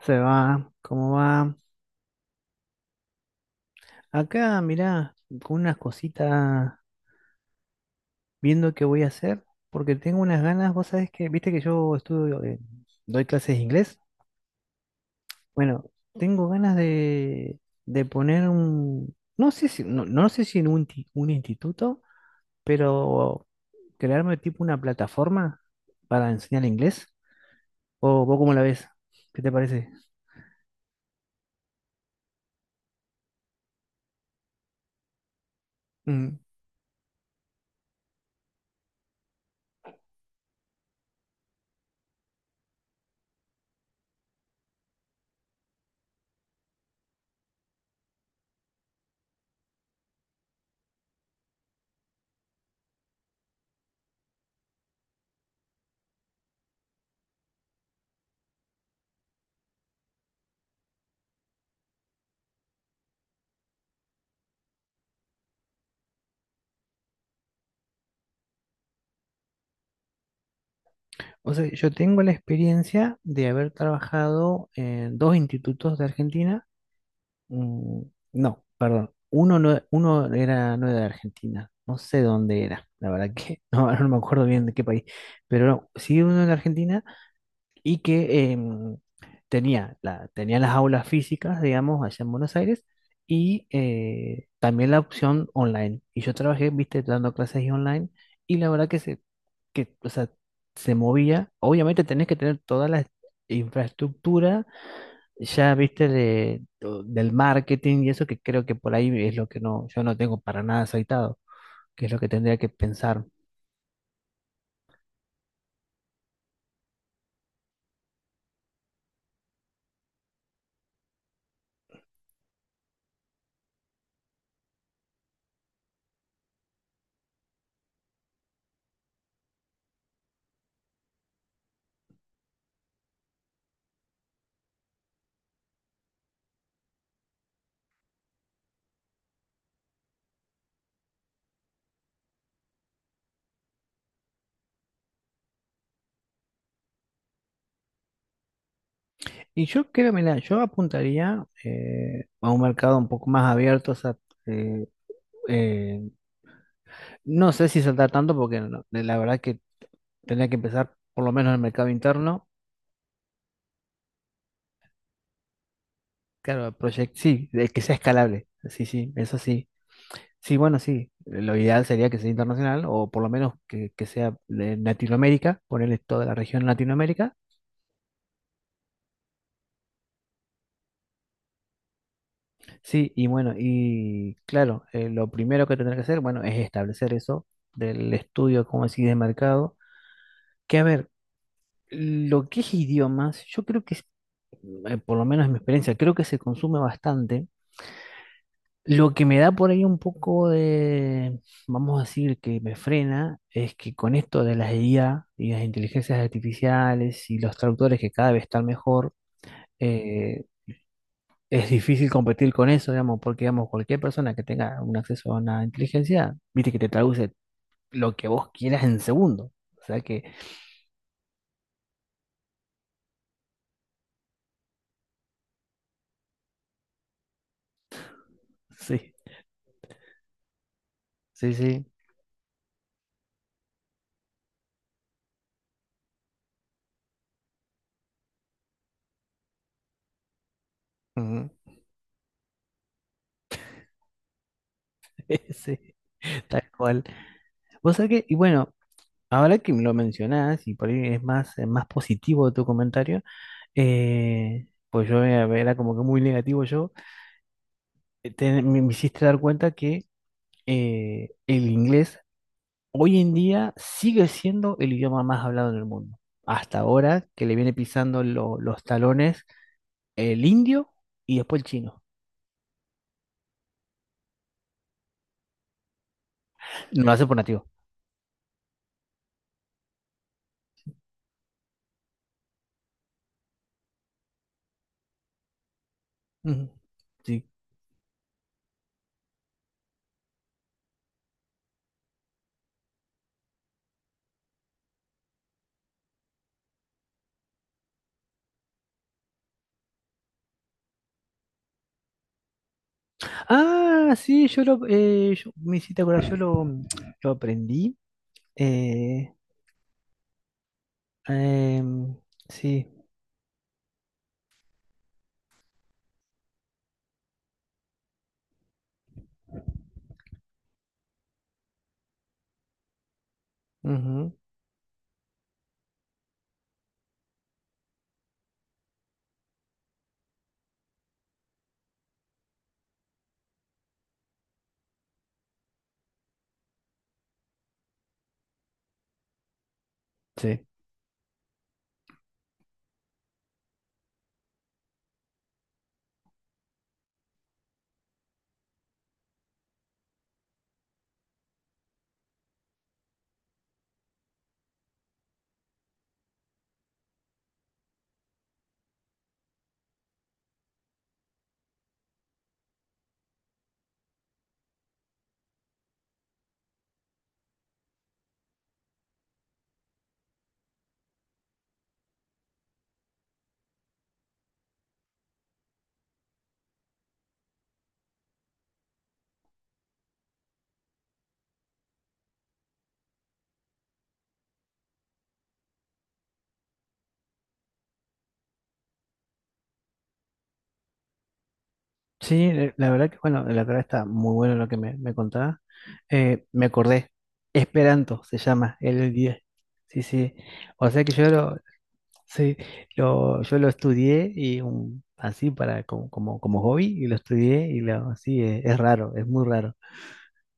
Se va, ¿cómo va? Acá, mirá, con unas cositas, viendo qué voy a hacer, porque tengo unas ganas, vos sabés que, viste que yo estudio, doy clases de inglés. Bueno, tengo ganas de poner un, no sé si, no sé si en un, un instituto, pero crearme tipo una plataforma para enseñar inglés. ¿O vos cómo la ves? ¿Qué te parece? O sea, yo tengo la experiencia de haber trabajado en dos institutos de Argentina. Mm, no, perdón. Uno, no, uno era no era de Argentina. No sé dónde era. La verdad que no, ahora no me acuerdo bien de qué país. Pero no, sí, uno de Argentina y que tenía, tenía las aulas físicas, digamos, allá en Buenos Aires, y también la opción online. Y yo trabajé, viste, dando clases y online, y la verdad que que, o sea, se movía. Obviamente tenés que tener toda la infraestructura, ya, viste, del marketing y eso, que creo que por ahí es lo que no, yo no tengo para nada aceitado, que es lo que tendría que pensar. Y yo creo, mira, yo apuntaría a un mercado un poco más abierto. O sea, eh, eh, no sé si saltar tanto porque la verdad que tendría que empezar por lo menos en el mercado interno. Claro, el project, sí, de que sea escalable. Sí, sí, eso sí. Sí, bueno, sí. Lo ideal sería que sea internacional o por lo menos que sea de Latinoamérica, ponerle toda la región Latinoamérica. Sí, y bueno, y claro, lo primero que tendrá que hacer, bueno, es establecer eso del estudio, como decís, de mercado. Que a ver, lo que es idiomas, yo creo que, por lo menos en mi experiencia, creo que se consume bastante. Lo que me da por ahí un poco de, vamos a decir, que me frena, es que con esto de las IA y las inteligencias artificiales y los traductores que cada vez están mejor, eh, es difícil competir con eso, digamos, porque, digamos, cualquier persona que tenga un acceso a una inteligencia, viste que te traduce lo que vos quieras en segundo. O sea que, sí, sí, sí. Ujú. Sí, tal cual. Vos sabés que, y bueno, ahora que me lo mencionás, y por ahí es más, más positivo tu comentario, pues yo era como que muy negativo yo, me hiciste dar cuenta que el inglés hoy en día sigue siendo el idioma más hablado en el mundo. Hasta ahora que le viene pisando los talones el indio y después el chino. Lo hace por nativo. Ujú. Sí. Ah, sí, me hiciste acordar, lo aprendí. eh, Em, sí, ujú, sí. Sí, la verdad que, bueno, la verdad está muy bueno lo que me contabas. Me acordé, Esperanto se llama, el 10. Sí, sí. O sea que sí, yo lo estudié y así para como, como hobby y lo estudié y lo, sí, es raro, es muy raro.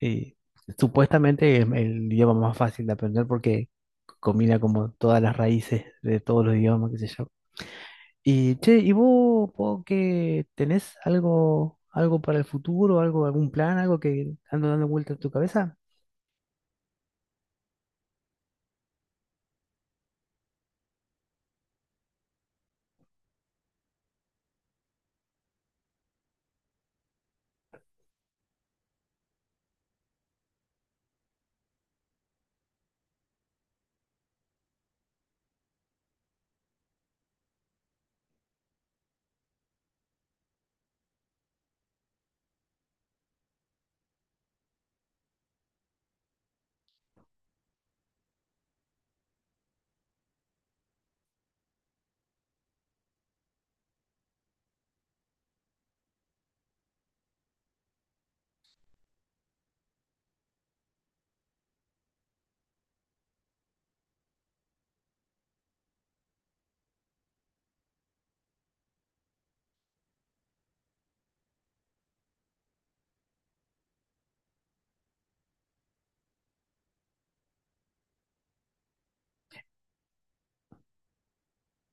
Y supuestamente es el idioma más fácil de aprender porque combina como todas las raíces de todos los idiomas, que se llama. Y che, ¿y vos, po, que tenés algo, algo para el futuro, algo, algún plan, algo que ando dando vuelta en tu cabeza?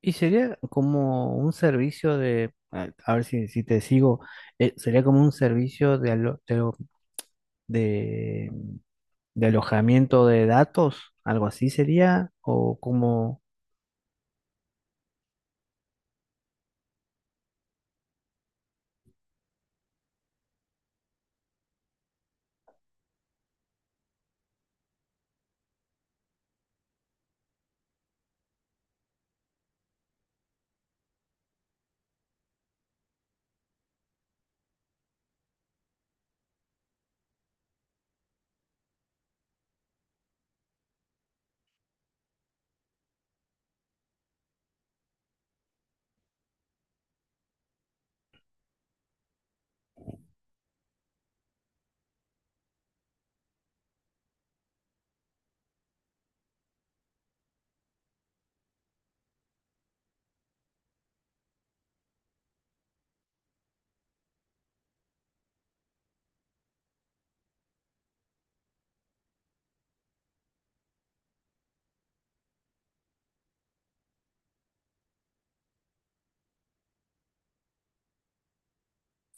Y sería como un servicio de, a ver si, si te sigo, sería como un servicio de, de- de alojamiento de datos, algo así sería, o como,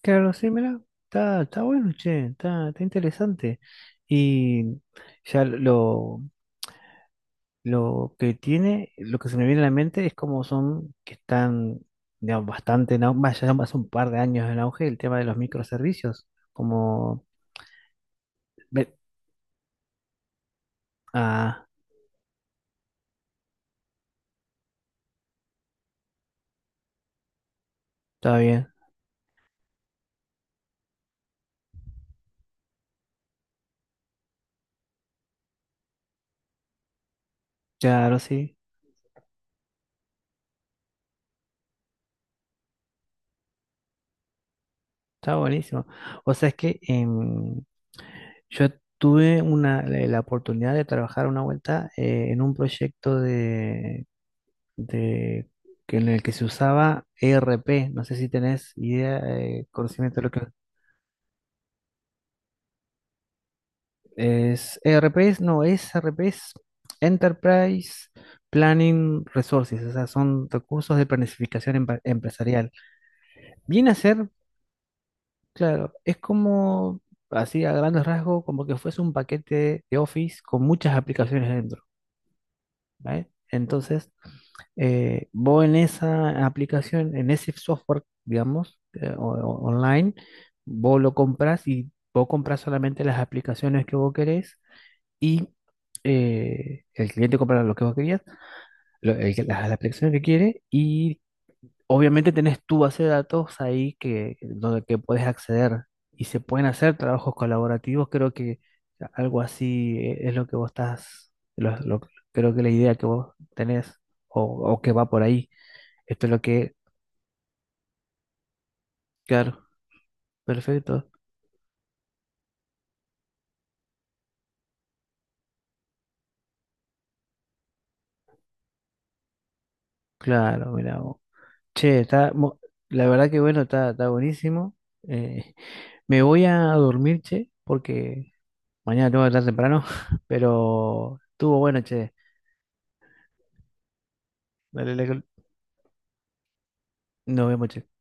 claro, sí, mira, está, está bueno, che, está, está interesante. Y ya lo, lo que tiene, lo que se me viene a la mente es como son, que están, digamos, bastante en auge, ya hace un par de años en auge el tema de los microservicios, como, ve- ah, está bien, claro, sí, está buenísimo. O sea, es que yo tuve la oportunidad de trabajar una vuelta en un proyecto de- que en el que se usaba ERP, no sé si tenés idea, conocimiento de lo que es ERPs, no, es ERPs, Enterprise Planning Resources, o sea, son recursos de planificación empresarial. Viene a ser, claro, es como, así a grandes rasgos, como que fuese un paquete de Office con muchas aplicaciones dentro, ¿vale? Entonces, vos en esa aplicación, en ese software, digamos, online, vos lo compras y vos compras solamente las aplicaciones que vos querés y el cliente compra lo que vos querías, la aplicación que quiere y obviamente tenés tu base de datos ahí que, donde que puedes acceder y se pueden hacer trabajos colaborativos. Creo que algo así es lo que vos estás, creo que la idea que vos tenés o, o que va por ahí. Esto es lo que, claro, perfecto. Claro, mira. Vos. Che, está, la verdad que bueno, está, está buenísimo. Eh, Me voy a dormir, che, porque mañana tengo que estar temprano, pero estuvo bueno, che. Dale, dale, nos vemos, che.